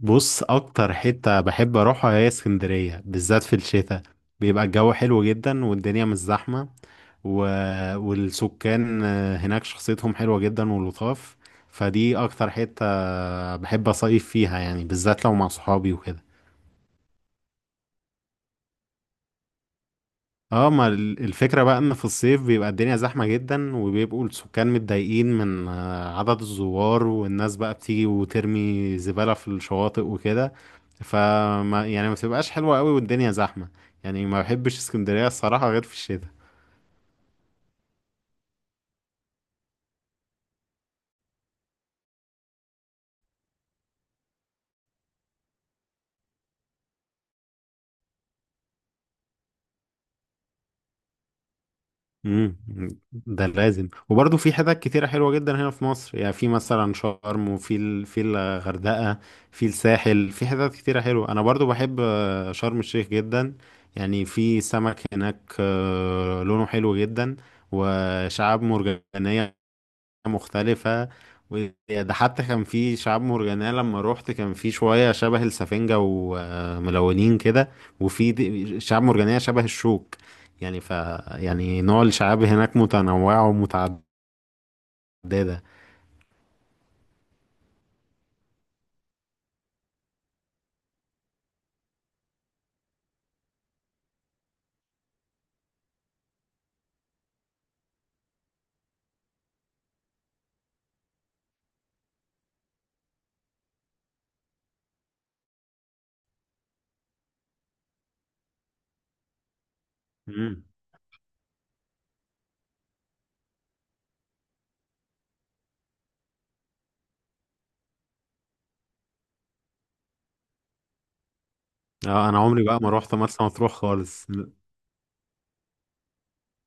بص، اكتر حتة بحب اروحها هي اسكندرية، بالذات في الشتاء. بيبقى الجو حلو جدا والدنيا مش زحمة و... والسكان هناك شخصيتهم حلوة جدا ولطاف. فدي اكتر حتة بحب اصيف فيها، يعني بالذات لو مع صحابي وكده. اه، ما الفكرة بقى ان في الصيف بيبقى الدنيا زحمة جدا، وبيبقوا السكان متضايقين من عدد الزوار، والناس بقى بتيجي وترمي زبالة في الشواطئ وكده. فما يعني ما بتبقاش حلوة قوي، والدنيا زحمة. يعني ما بحبش اسكندرية الصراحة غير في الشتاء. امم ده لازم. وبرضه في حتت كتيرة حلوة جدا هنا في مصر، يعني في مثلا شرم، وفي في الغردقة، في الساحل، في حتت كتيرة حلوة. أنا برضه بحب شرم الشيخ جدا. يعني في سمك هناك لونه حلو جدا، وشعاب مرجانية مختلفة. وده حتى كان في شعاب مرجانية لما روحت، كان في شوية شبه السفنجة وملونين كده، وفي شعاب مرجانية شبه الشوك. يعني ف يعني نوع الشعاب هناك متنوعة ومتعددة. مم. اه، انا عمري بقى ما روحت مرسى مطروح خالص.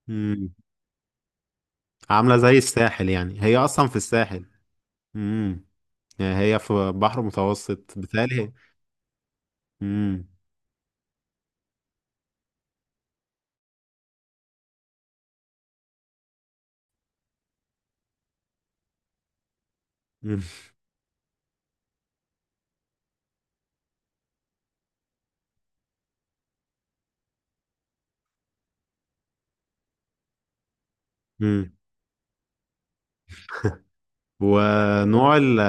مم. عاملة زي الساحل يعني، هي اصلا في الساحل. مم. يعني هي في بحر متوسط بالتالي. امم ونوع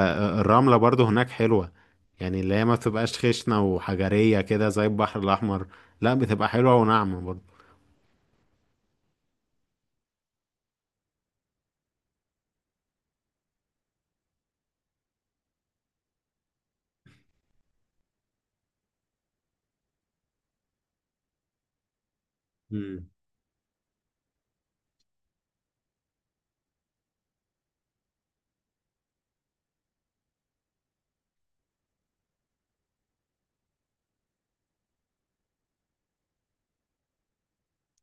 الرملة برضو هناك حلوة، يعني اللي هي ما بتبقاش خشنة وحجرية كده زي البحر الأحمر، لا، بتبقى حلوة وناعمة برضو. مم.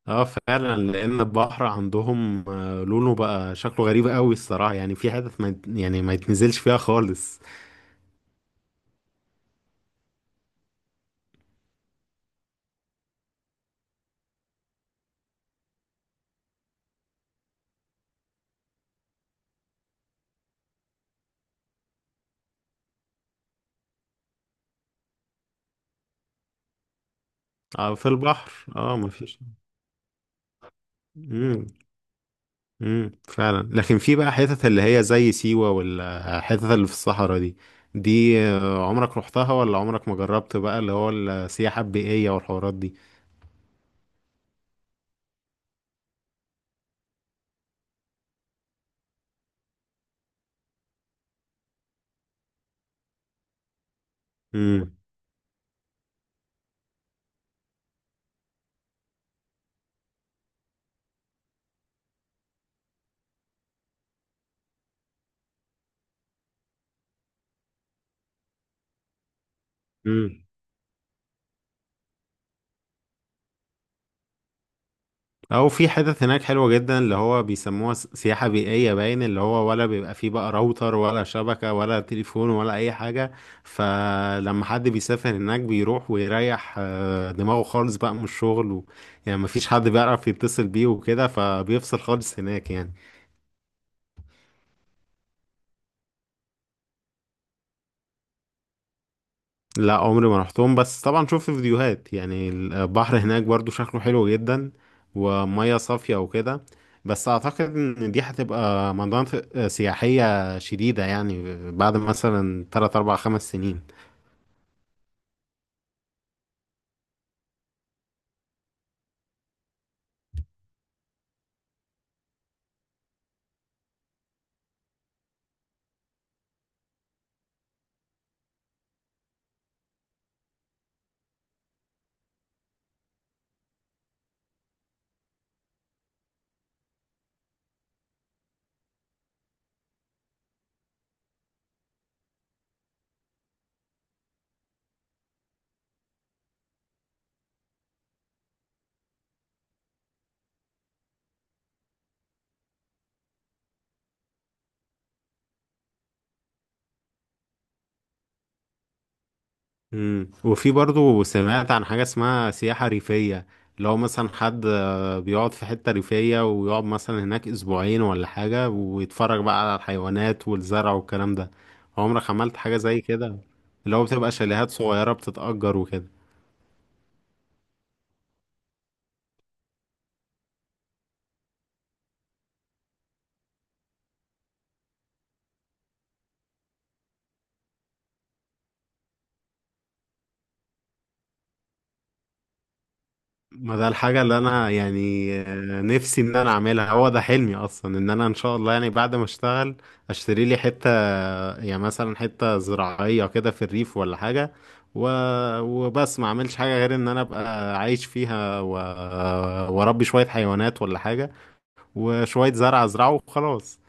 اه فعلا، لأن البحر عندهم لونه بقى شكله غريب قوي الصراحة، يعني في حتت ما يعني ما يتنزلش فيها خالص. اه، في البحر، اه، ما فيش. فعلا. لكن في بقى حتت اللي هي زي سيوة والحتت اللي في الصحراء دي، دي عمرك رحتها؟ ولا عمرك ما جربت بقى اللي هو السياحة البيئية والحوارات دي؟ امم امم او في حتت هناك حلوة جدا اللي هو بيسموها سياحة بيئية، باين اللي هو ولا بيبقى فيه بقى راوتر ولا شبكة ولا تليفون ولا اي حاجة. فلما حد بيسافر هناك بيروح ويريح دماغه خالص بقى من الشغل. يعني مفيش حد بيعرف يتصل بيه وكده، فبيفصل خالص هناك يعني. لا، عمري ما رحتهم، بس طبعا شفت فيديوهات، يعني البحر هناك برضو شكله حلو جدا، ومياه صافية وكده. بس اعتقد ان دي هتبقى مناطق سياحية شديدة يعني، بعد مثلا 3 4 5 سنين. مم. وفي برضو سمعت عن حاجة اسمها سياحة ريفية، لو مثلا حد بيقعد في حتة ريفية، ويقعد مثلا هناك أسبوعين ولا حاجة، ويتفرج بقى على الحيوانات والزرع والكلام ده. عمرك عملت حاجة زي كده؟ اللي هو بتبقى شاليهات صغيرة بتتأجر وكده. ما ده الحاجة اللي أنا يعني نفسي إن أنا أعملها. هو ده حلمي أصلا، إن أنا إن شاء الله يعني بعد ما أشتغل أشتري لي حتة، يعني مثلا حتة زراعية كده في الريف ولا حاجة و... وبس ما أعملش حاجة غير إن أنا أبقى عايش فيها، وأربي شوية حيوانات ولا حاجة، وشوية زرع ازرعه وخلاص.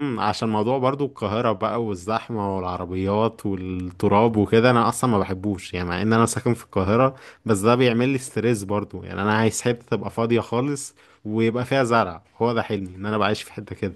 عشان موضوع برضو القاهرة بقى والزحمة والعربيات والتراب وكده، انا اصلا ما بحبوش يعني، مع ان انا ساكن في القاهرة، بس ده بيعمل لي ستريس برضو. يعني انا عايز حتة تبقى فاضية خالص ويبقى فيها زرع، هو ده حلمي، ان انا بعيش في حتة كده.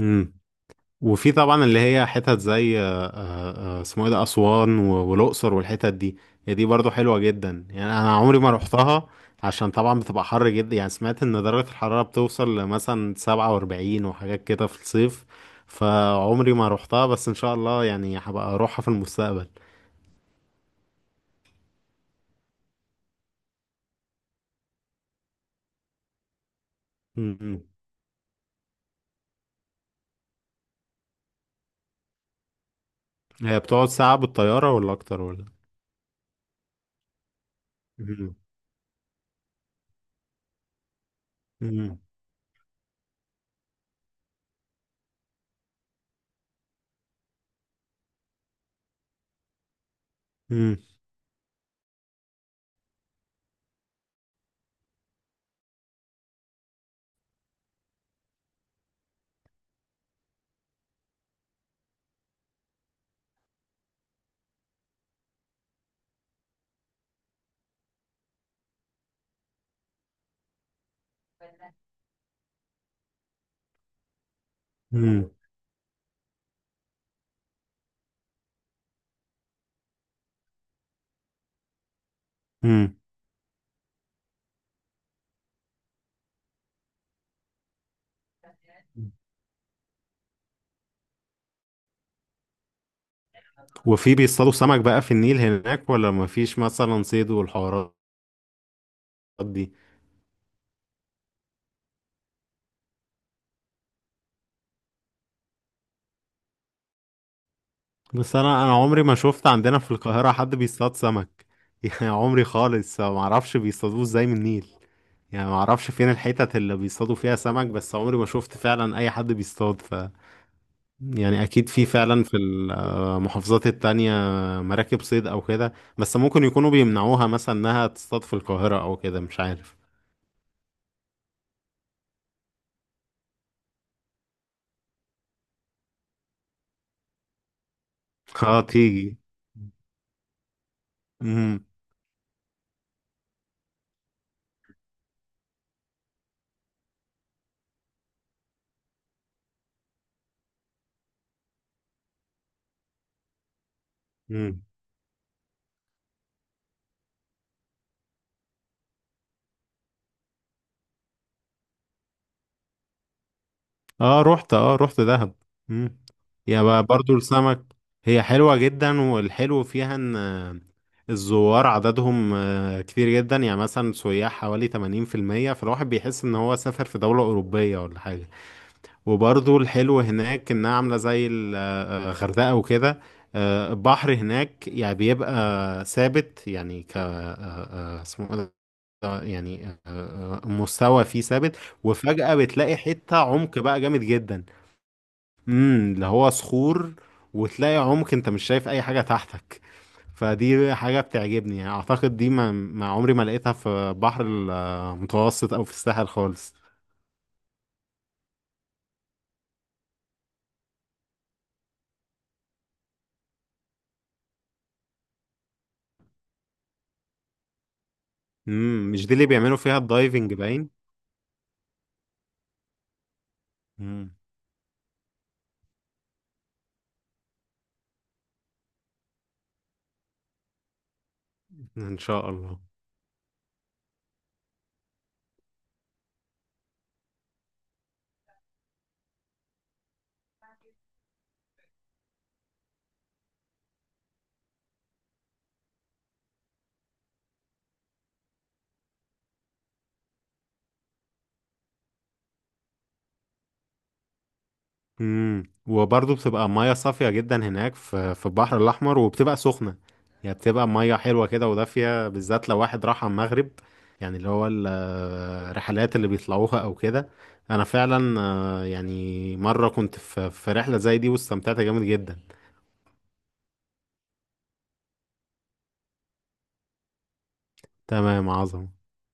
امم وفي طبعا اللي هي حتت زي اسمه ايه ده، اسوان والاقصر والحتت دي. هي دي برضو حلوه جدا، يعني انا عمري ما روحتها، عشان طبعا بتبقى حر جدا. يعني سمعت ان درجه الحراره بتوصل لمثلا 47 وحاجات كده في الصيف، فعمري ما روحتها، بس ان شاء الله يعني هبقى اروحها في المستقبل. م- م. هي بتقعد ساعه بالطياره ولا اكتر ولا؟ م- م- م- م- م- وفي بيصطادوا سمك بقى في النيل هناك ولا مفيش مثلا صيد والحوارات دي؟ بس انا عمري ما شفت عندنا في القاهرة حد بيصطاد سمك يعني عمري خالص ما اعرفش بيصطادوه ازاي من النيل، يعني ما اعرفش فين الحتت اللي بيصطادوا فيها سمك، بس عمري ما شفت فعلا اي حد بيصطاد. ف يعني اكيد في فعلا في المحافظات التانية مراكب صيد او كده، بس ممكن يكونوا بيمنعوها مثلا انها تصطاد في القاهرة او كده، مش عارف. اه، تيجي. امم اه رحت دهب. مم. يا بقى برضو السمك، هي حلوة جدا، والحلو فيها ان الزوار عددهم كتير جدا، يعني مثلا سياح حوالي 80%، فالواحد بيحس ان هو سافر في دولة أوروبية ولا حاجة. وبرضو الحلو هناك انها عاملة زي الغردقة وكده. البحر هناك يعني بيبقى ثابت، يعني ك آه، آه، اسمه إيه ده؟ يعني مستوى فيه ثابت، وفجأة بتلاقي حتة عمق بقى جامد جدا. اللي هو صخور، وتلاقي عمق انت مش شايف اي حاجة تحتك. فدي حاجة بتعجبني، يعني اعتقد دي ما عمري ما لقيتها في بحر المتوسط او في الساحل خالص. مش دي اللي بيعملوا فيها الدايفنج باين؟ امم ان شاء الله. وبرضه بتبقى ميه صافيه جدا هناك في البحر الاحمر، وبتبقى سخنه، يعني بتبقى ميه حلوه كده ودافيه، بالذات لو واحد راح على المغرب، يعني اللي هو الرحلات اللي بيطلعوها او كده. انا فعلا يعني مره كنت في رحله زي دي واستمتعت جامد جدا. تمام، عظمه.